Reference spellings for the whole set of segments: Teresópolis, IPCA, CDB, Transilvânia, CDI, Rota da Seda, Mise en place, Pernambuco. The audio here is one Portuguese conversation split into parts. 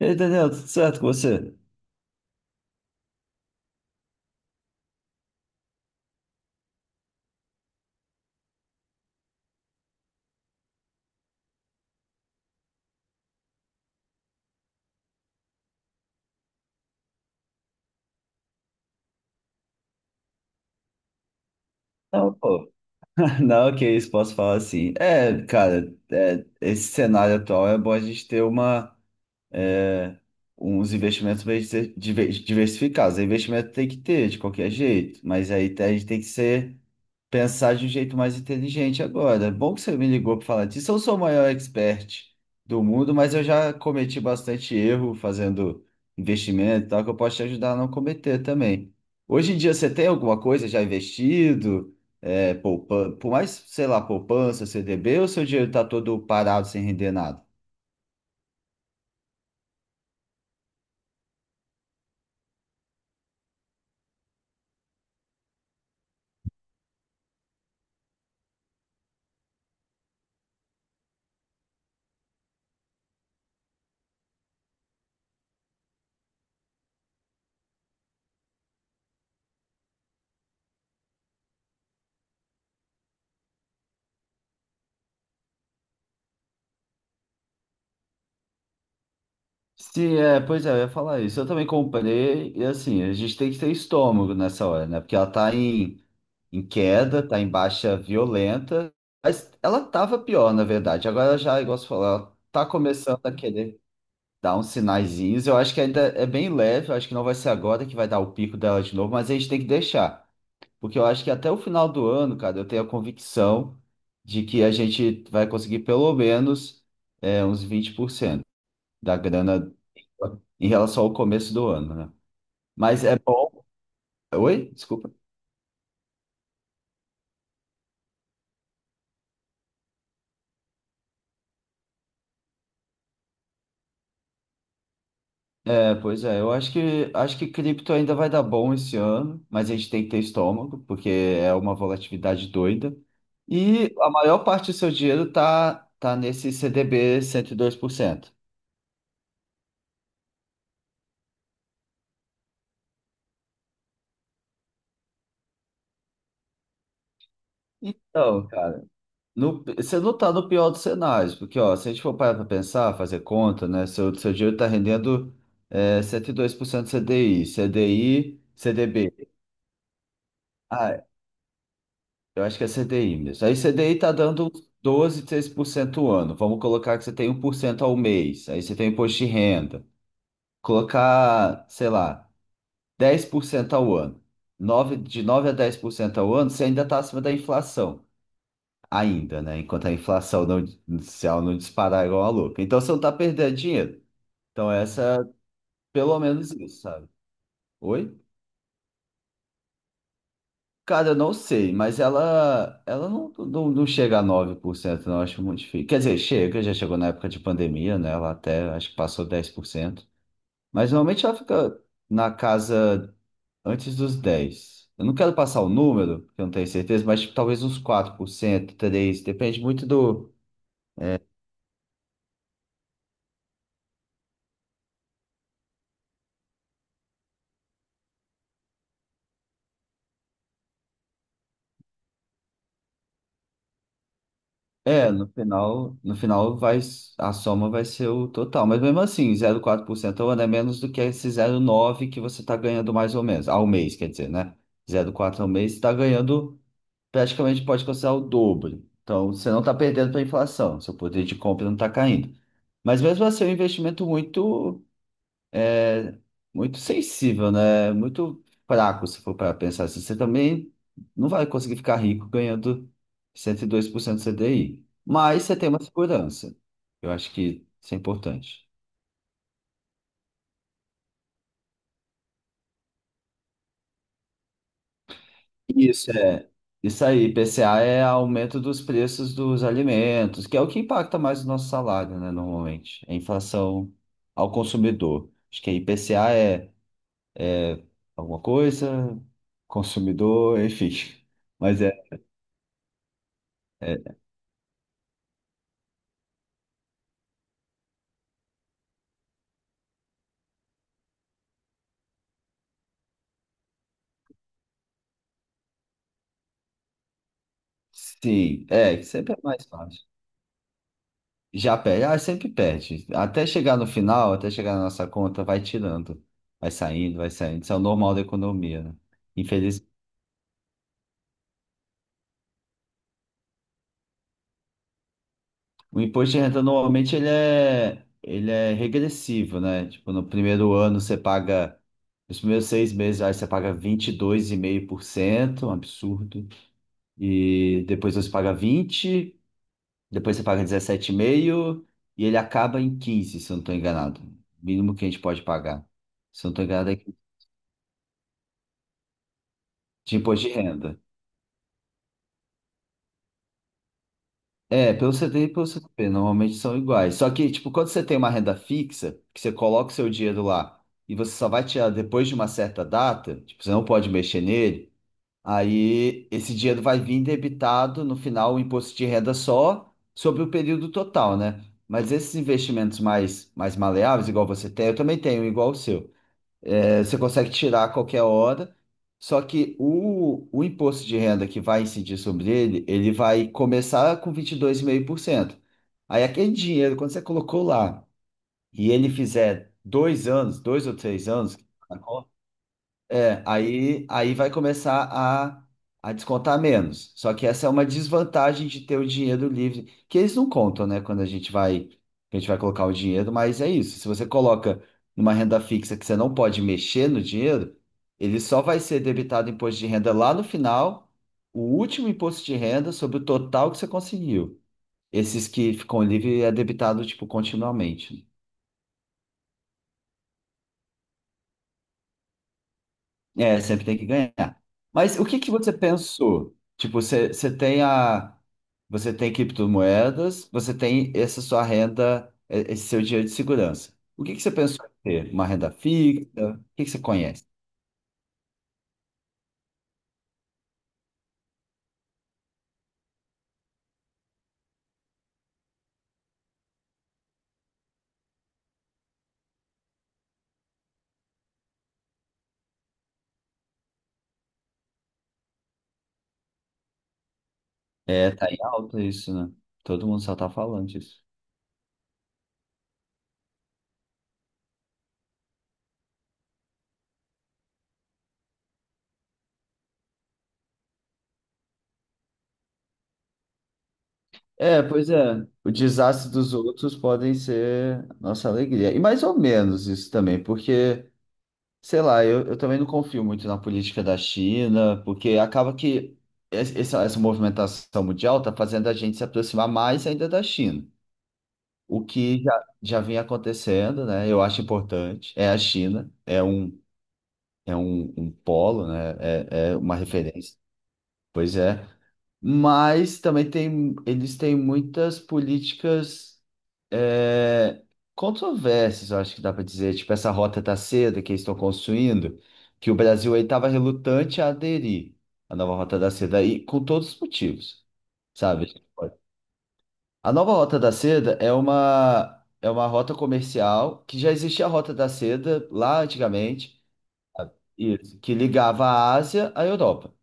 Entendeu, tudo certo com você? Não, pô. Não, que isso, posso falar assim. É, cara, esse cenário atual é bom a gente ter uma, é, uns investimentos bem diversificados. O investimento tem que ter, de qualquer jeito, mas aí a gente tem que ser pensar de um jeito mais inteligente agora. É bom que você me ligou para falar disso. Eu sou o maior expert do mundo, mas eu já cometi bastante erro fazendo investimento e tal, que eu posso te ajudar a não cometer também. Hoje em dia você tem alguma coisa já investido? É, por mais, sei lá, poupança, CDB, ou seu dinheiro está todo parado sem render nada? Sim, é, pois é, eu ia falar isso. Eu também comprei, e assim, a gente tem que ter estômago nessa hora, né? Porque ela tá em queda, tá em baixa violenta, mas ela tava pior, na verdade. Agora já, igual você falou, ela tá começando a querer dar uns sinaizinhos. Eu acho que ainda é bem leve, eu acho que não vai ser agora que vai dar o pico dela de novo, mas a gente tem que deixar. Porque eu acho que até o final do ano, cara, eu tenho a convicção de que a gente vai conseguir pelo menos uns 20% da grana em relação ao começo do ano, né? Mas é bom. Oi? Desculpa. É, pois é, eu acho que cripto ainda vai dar bom esse ano, mas a gente tem que ter estômago, porque é uma volatilidade doida. E a maior parte do seu dinheiro tá nesse CDB 102%. Então, cara, você não tá no pior dos cenários, porque ó, se a gente for parar para pensar, fazer conta, né? Seu dinheiro tá rendendo 102% CDI, CDI, CDB. Eu acho que é CDI mesmo. Aí CDI tá dando uns 12, 13% ao ano. Vamos colocar que você tem 1% ao mês. Aí você tem imposto de renda. Colocar, sei lá, 10% ao ano. 9 de 9 a 10% ao ano, você ainda está acima da inflação. Ainda, né? Enquanto a inflação não, se ela não disparar igual a louca. Então você não está perdendo dinheiro. Então essa, é pelo menos isso, sabe? Oi? Cara, eu não sei, mas ela não chega a 9% não, acho muito difícil. Quer dizer, chega, já chegou na época de pandemia, né? Ela até, acho que passou 10%. Mas normalmente ela fica na casa antes dos 10%. Eu não quero passar o número, que eu não tenho certeza, mas tipo, talvez uns 4%, 3%, depende muito do. É, no final, vai, a soma vai ser o total. Mas mesmo assim, 0,4% ao ano é menos do que esse 0,9 que você está ganhando mais ou menos, ao mês, quer dizer, né? 0,4 ao mês, você está ganhando praticamente pode considerar o dobro. Então, você não está perdendo para a inflação, seu poder de compra não está caindo. Mas mesmo assim, é um investimento muito muito sensível, né? Muito fraco, se for para pensar assim. Você também não vai conseguir ficar rico ganhando 102% CDI, mas você tem uma segurança. Eu acho que isso é importante. Isso. É, isso aí, IPCA é aumento dos preços dos alimentos, que é o que impacta mais o nosso salário, né, normalmente. É inflação ao consumidor. Acho que IPCA é alguma coisa, consumidor, enfim. Mas é. é Sim, que sempre é mais fácil. Já perde, ah, sempre perde. Até chegar no final, até chegar na nossa conta, vai tirando. Vai saindo, vai saindo. Isso é o normal da economia, né? Infeliz... O imposto de renda normalmente ele é regressivo, né? Tipo, no primeiro ano você paga, nos primeiros 6 meses aí você paga 22,5%, um absurdo. E depois você paga 20. Depois você paga 17,5 e meio e ele acaba em 15, se eu não estou enganado. Mínimo que a gente pode pagar. Se eu não estou enganado, é 15 de imposto de renda. É, pelo CDI e pelo CDP, normalmente são iguais. Só que, tipo, quando você tem uma renda fixa, que você coloca o seu dinheiro lá e você só vai tirar depois de uma certa data, tipo, você não pode mexer nele, aí esse dinheiro vai vir debitado no final o imposto de renda só sobre o período total, né? Mas esses investimentos mais maleáveis, igual você tem, eu também tenho, igual o seu. É, você consegue tirar a qualquer hora, só que o imposto de renda que vai incidir sobre ele, ele vai começar com 22,5%. Aí aquele dinheiro, quando você colocou lá, e ele fizer 2 anos, 2 ou 3 anos, é, aí vai começar a descontar menos. Só que essa é uma desvantagem de ter o dinheiro livre, que eles não contam, né, quando a gente vai, que a gente vai colocar o dinheiro, mas é isso. Se você coloca numa renda fixa que você não pode mexer no dinheiro, ele só vai ser debitado imposto de renda lá no final, o último imposto de renda sobre o total que você conseguiu. Esses que ficam livres é debitado, tipo, continuamente, né? É, sempre tem que ganhar. Mas o que que você pensou? Tipo, você tem a. Você tem criptomoedas, você tem essa sua renda, esse seu dinheiro de segurança. O que que você pensou em ter? Uma renda fixa? O que que você conhece? É, tá em alta isso, né? Todo mundo só tá falando disso. É, pois é. O desastre dos outros podem ser nossa alegria. E mais ou menos isso também, porque sei lá, eu também não confio muito na política da China, porque acaba que essa movimentação mundial está fazendo a gente se aproximar mais ainda da China, o que já vinha acontecendo, né? Eu acho importante. É a China, é um polo, né? É uma referência. Pois é. Mas também tem, eles têm muitas políticas é, controversas, eu acho que dá para dizer. Tipo, essa Rota da Seda que eles estão construindo, que o Brasil aí estava relutante a aderir à nova Rota da Seda, e com todos os motivos, sabe? A nova Rota da Seda é uma rota comercial que já existia a Rota da Seda lá antigamente, sabe? Isso, que ligava a Ásia à Europa.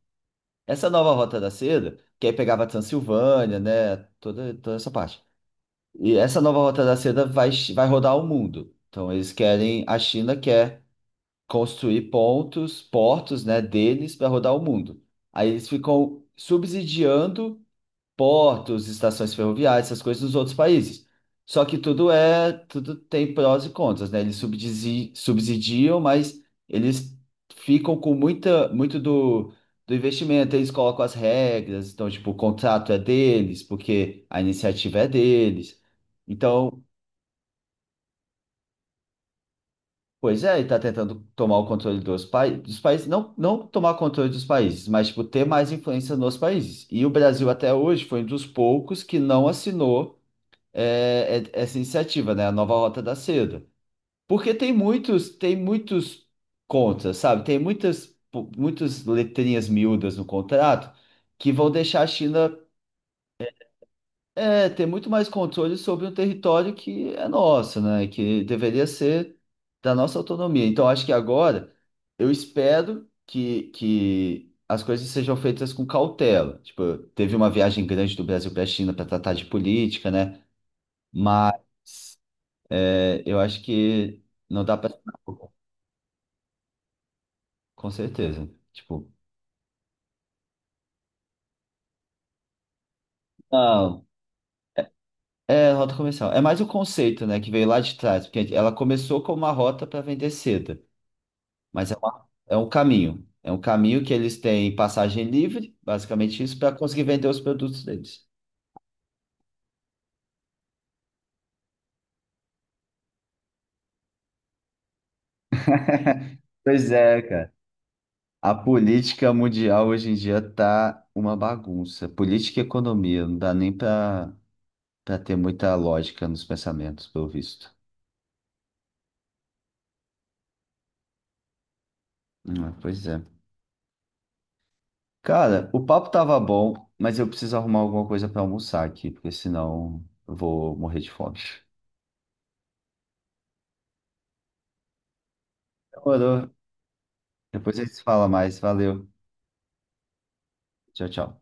Essa nova Rota da Seda, que aí pegava a Transilvânia, né? Toda, toda essa parte. E essa nova Rota da Seda vai, vai rodar o mundo. Então eles querem, a China quer construir pontos, portos, né, deles para rodar o mundo. Aí eles ficam subsidiando portos, estações ferroviárias, essas coisas dos outros países. Só que tudo é, tudo tem prós e contras, né? Eles subsidiam, mas eles ficam com muita, muito do investimento, eles colocam as regras, então, tipo, o contrato é deles, porque a iniciativa é deles. Então, pois é, ele está tentando tomar o controle dos, pa dos países, não, não tomar o controle dos países, mas, tipo, ter mais influência nos países. E o Brasil, até hoje, foi um dos poucos que não assinou essa iniciativa, né? A nova Rota da Seda. Porque tem muitos contras, sabe? Tem muitas letrinhas miúdas no contrato que vão deixar a China ter muito mais controle sobre um território que é nosso, né? Que deveria ser da nossa autonomia. Então, acho que agora eu espero que as coisas sejam feitas com cautela. Tipo, teve uma viagem grande do Brasil para a China para tratar de política, né? Mas é, eu acho que não dá pra. Com certeza. Tipo, não. É, rota comercial. É mais o conceito, né, que veio lá de trás, porque ela começou como uma rota para vender seda, mas é, é um caminho. É um caminho que eles têm passagem livre, basicamente isso, para conseguir vender os produtos deles. Pois é, cara. A política mundial hoje em dia tá uma bagunça. Política e economia, não dá nem para ter muita lógica nos pensamentos, pelo visto. Pois é. Cara, o papo tava bom, mas eu preciso arrumar alguma coisa pra almoçar aqui, porque senão eu vou morrer de fome. Demorou. Depois a gente se fala mais. Valeu. Tchau, tchau.